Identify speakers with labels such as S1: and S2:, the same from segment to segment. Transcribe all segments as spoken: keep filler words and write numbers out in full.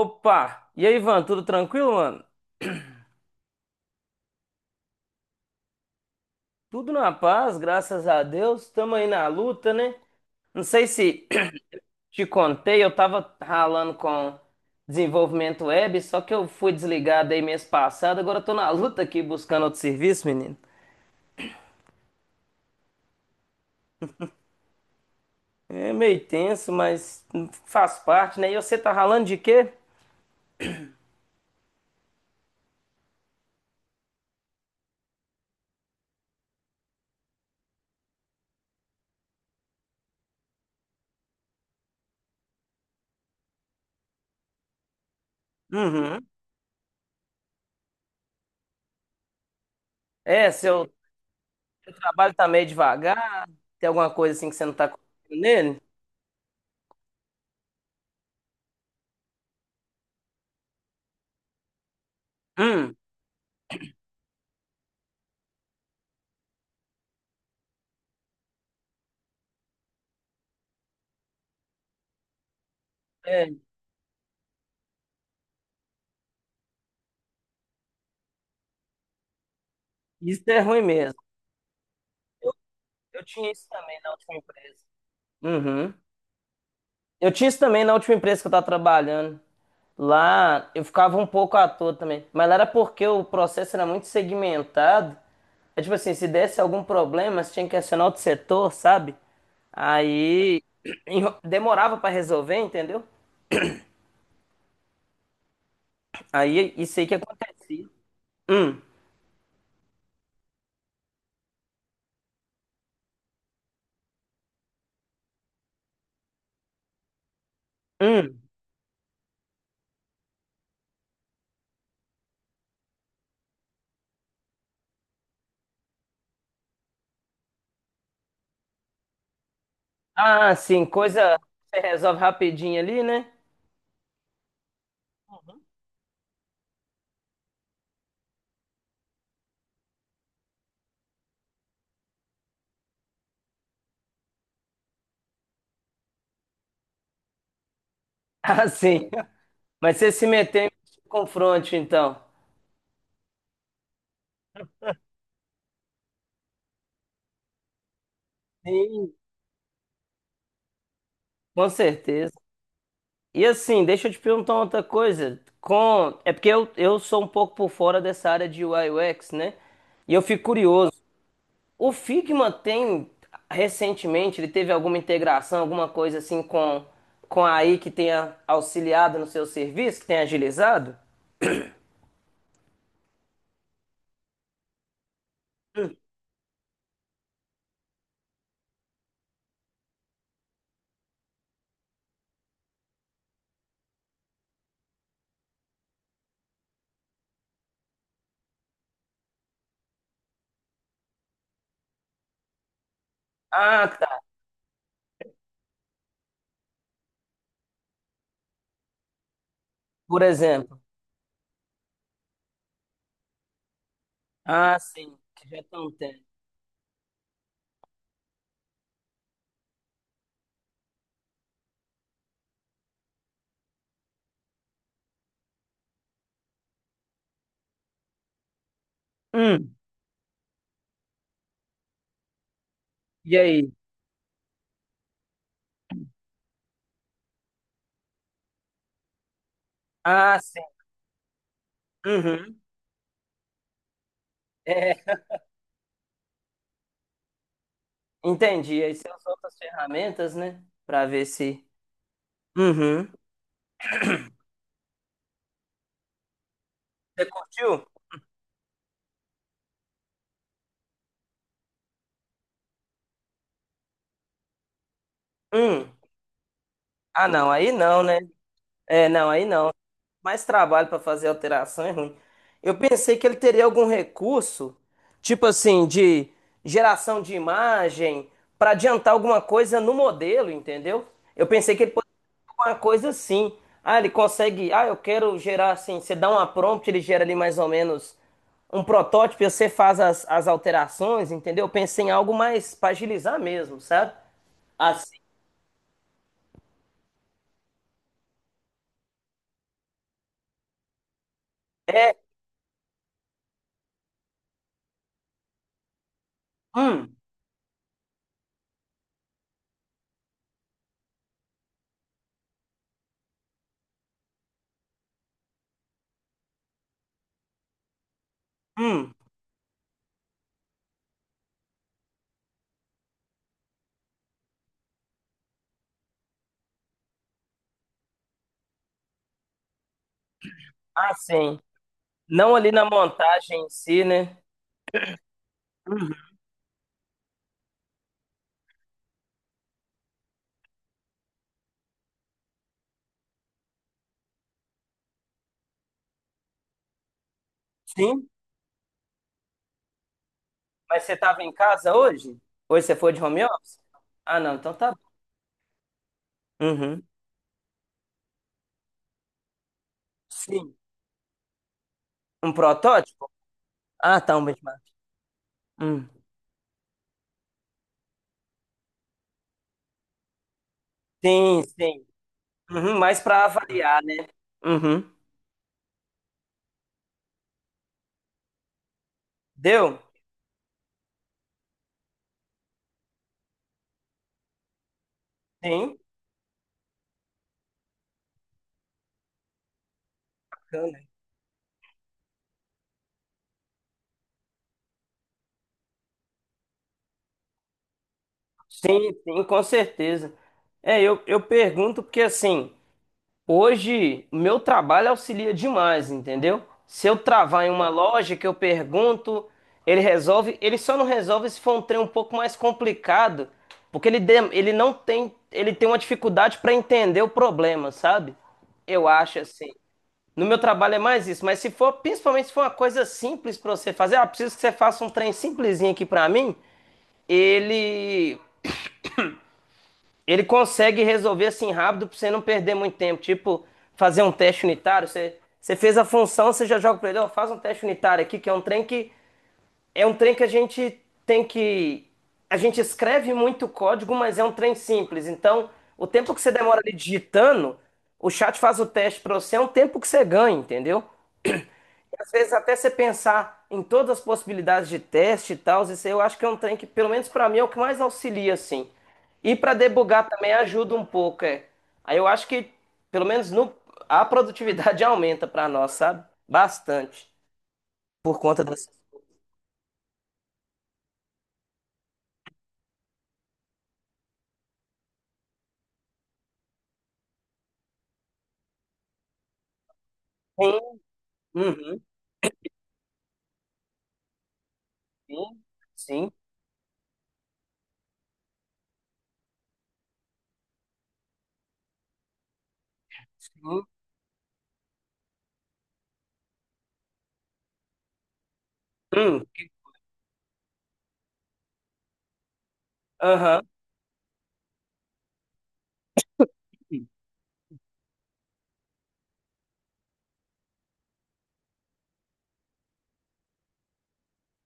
S1: Opa! E aí, Ivan, tudo tranquilo, mano? Tudo na paz, graças a Deus. Tamo aí na luta, né? Não sei se te contei, eu tava ralando com desenvolvimento web, só que eu fui desligado aí mês passado, agora eu tô na luta aqui buscando outro serviço, menino. É meio tenso, mas faz parte, né? E você tá ralando de quê? Uhum. É, seu trabalho tá meio devagar, tem alguma coisa assim que você não tá conseguindo nele? Hum, é, isso é ruim mesmo. Eu tinha isso também na última empresa. Uhum. Eu tinha isso também na última empresa que eu tava trabalhando. Lá eu ficava um pouco à toa também. Mas lá era porque o processo era muito segmentado. É tipo assim, se desse algum problema, você tinha que acionar outro setor, sabe? Aí enro- demorava pra resolver, entendeu? Aí isso aí que acontecia. Hum, hum. Ah, sim, coisa que você resolve rapidinho ali, né? Ah, sim. Mas você se meteu em confronto, então. Sim. Com certeza. E assim, deixa eu te perguntar outra coisa. Com... É porque eu, eu sou um pouco por fora dessa área de U I U X, né? E eu fico curioso. O Figma tem, recentemente, ele teve alguma integração, alguma coisa assim com, com a AI que tenha auxiliado no seu serviço, que tenha agilizado? Ah, tá. Por exemplo. Ah, sim. Que já estão tendo. Hum. E aí? Ah, sim. Uhum. É, entendi. Aí são as outras ferramentas, né? Pra ver se. Uhum. Você curtiu? Hum. Ah, não, aí não, né? É, não, aí não. Mais trabalho para fazer alteração é ruim. Eu pensei que ele teria algum recurso, tipo assim, de geração de imagem, para adiantar alguma coisa no modelo, entendeu? Eu pensei que ele poderia fazer alguma coisa assim. Ah, ele consegue. Ah, eu quero gerar assim. Você dá uma prompt, ele gera ali mais ou menos um protótipo, e você faz as, as alterações, entendeu? Eu pensei em algo mais para agilizar mesmo, sabe? Assim. É. Hum. Hum, ah, sim. Não ali na montagem em si, né? Uhum, sim. Mas você estava em casa hoje? Hoje você foi de home office? Ah, não, então tá bom. Uhum. Sim. Um protótipo? Ah, tá, um benchmark. Hum. Sim, sim. Uhum, mas para avaliar, né? Uhum. Deu? Sim. Bacana. Sim, sim, com certeza. É, eu, eu pergunto porque assim. Hoje, meu trabalho auxilia demais, entendeu? Se eu travar em uma loja que eu pergunto, ele resolve. Ele só não resolve se for um trem um pouco mais complicado, porque ele, dem- ele não tem, ele tem uma dificuldade para entender o problema, sabe? Eu acho assim. No meu trabalho é mais isso, mas se for, principalmente se for uma coisa simples para você fazer, ah, preciso que você faça um trem simplesinho aqui para mim ele ele consegue resolver assim rápido pra você não perder muito tempo. Tipo, fazer um teste unitário. Você, você fez a função, você já joga pra ele, ó, faz um teste unitário aqui, que é um trem que. É um trem que a gente tem que. A gente escreve muito código, mas é um trem simples. Então, o tempo que você demora ali digitando, o chat faz o teste pra você, é um tempo que você ganha, entendeu? Às vezes até você pensar em todas as possibilidades de teste e tal, isso aí eu acho que é um trem que, pelo menos pra mim, é o que mais auxilia, assim. E pra debugar também ajuda um pouco, é. Aí eu acho que, pelo menos no, a produtividade aumenta pra nós, sabe? Bastante. Por conta das... Sim, uhum, sim, sim, sim. Hum, aham.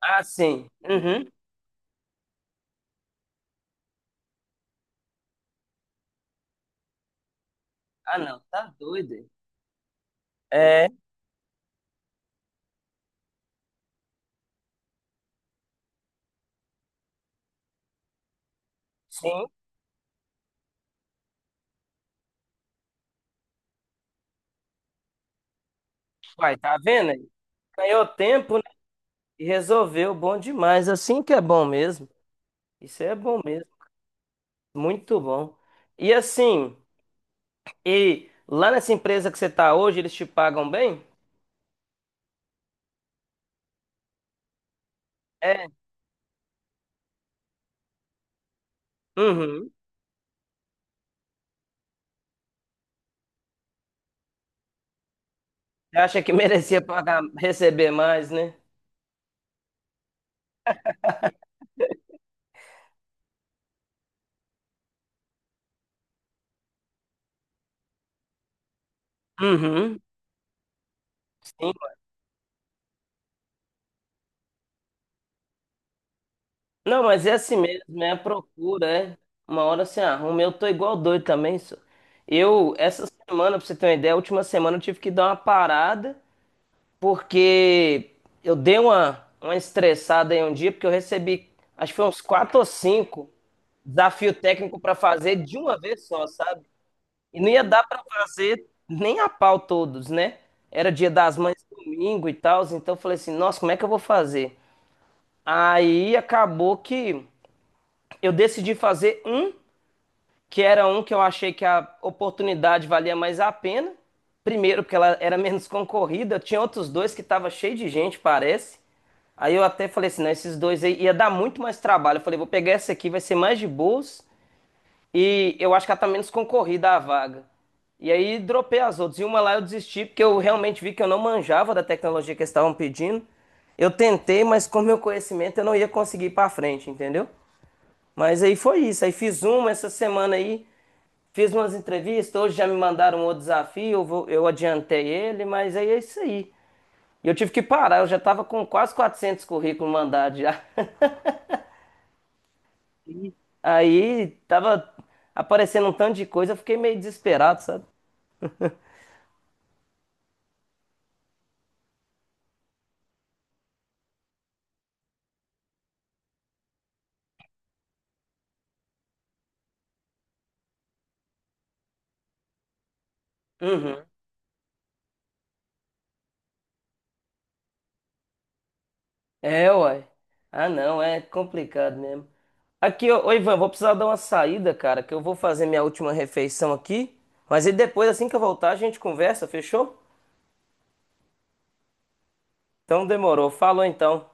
S1: Ah, sim. Uhum. Ah, não, tá doido. Hein? É, sim. Vai, tá vendo aí? Ganhou tempo, e resolveu, bom demais. Assim que é bom mesmo. Isso é bom mesmo, muito bom. E assim, e lá nessa empresa que você tá hoje, eles te pagam bem? É. Uhum. Você acha que merecia pagar, receber mais, né? Uhum. Sim. Não, mas é assim mesmo, é a procura, é. Uma hora você arruma. Eu tô igual doido também, só. Eu, essa semana, pra você ter uma ideia, a última semana eu tive que dar uma parada porque eu dei uma, uma estressada em um dia, porque eu recebi, acho que foi uns quatro ou cinco desafio técnico para fazer de uma vez só, sabe? E não ia dar para fazer nem a pau todos, né? Era dia das mães domingo e tal, então eu falei assim, nossa, como é que eu vou fazer? Aí acabou que eu decidi fazer um que era um que eu achei que a oportunidade valia mais a pena. Primeiro, porque ela era menos concorrida, tinha outros dois que tava cheio de gente, parece. Aí eu até falei assim, não, esses dois aí ia dar muito mais trabalho. Eu falei, vou pegar essa aqui, vai ser mais de boas. E eu acho que ela tá menos concorrida a vaga. E aí dropei as outras. E uma lá eu desisti, porque eu realmente vi que eu não manjava da tecnologia que eles estavam pedindo. Eu tentei, mas com meu conhecimento eu não ia conseguir ir pra frente, entendeu? Mas aí foi isso. Aí fiz uma essa semana aí. Fiz umas entrevistas, hoje já me mandaram outro desafio, eu, vou- eu adiantei ele, mas aí é isso aí. E eu tive que parar, eu já estava com quase quatrocentos currículos mandados já. Aí tava aparecendo um tanto de coisa, eu fiquei meio desesperado, sabe? Uhum. É, uai. Ah, não, é complicado mesmo. Aqui, ô, ô, Ivan, vou precisar dar uma saída, cara, que eu vou fazer minha última refeição aqui. Mas e depois, assim que eu voltar, a gente conversa, fechou? Então demorou. Falou então.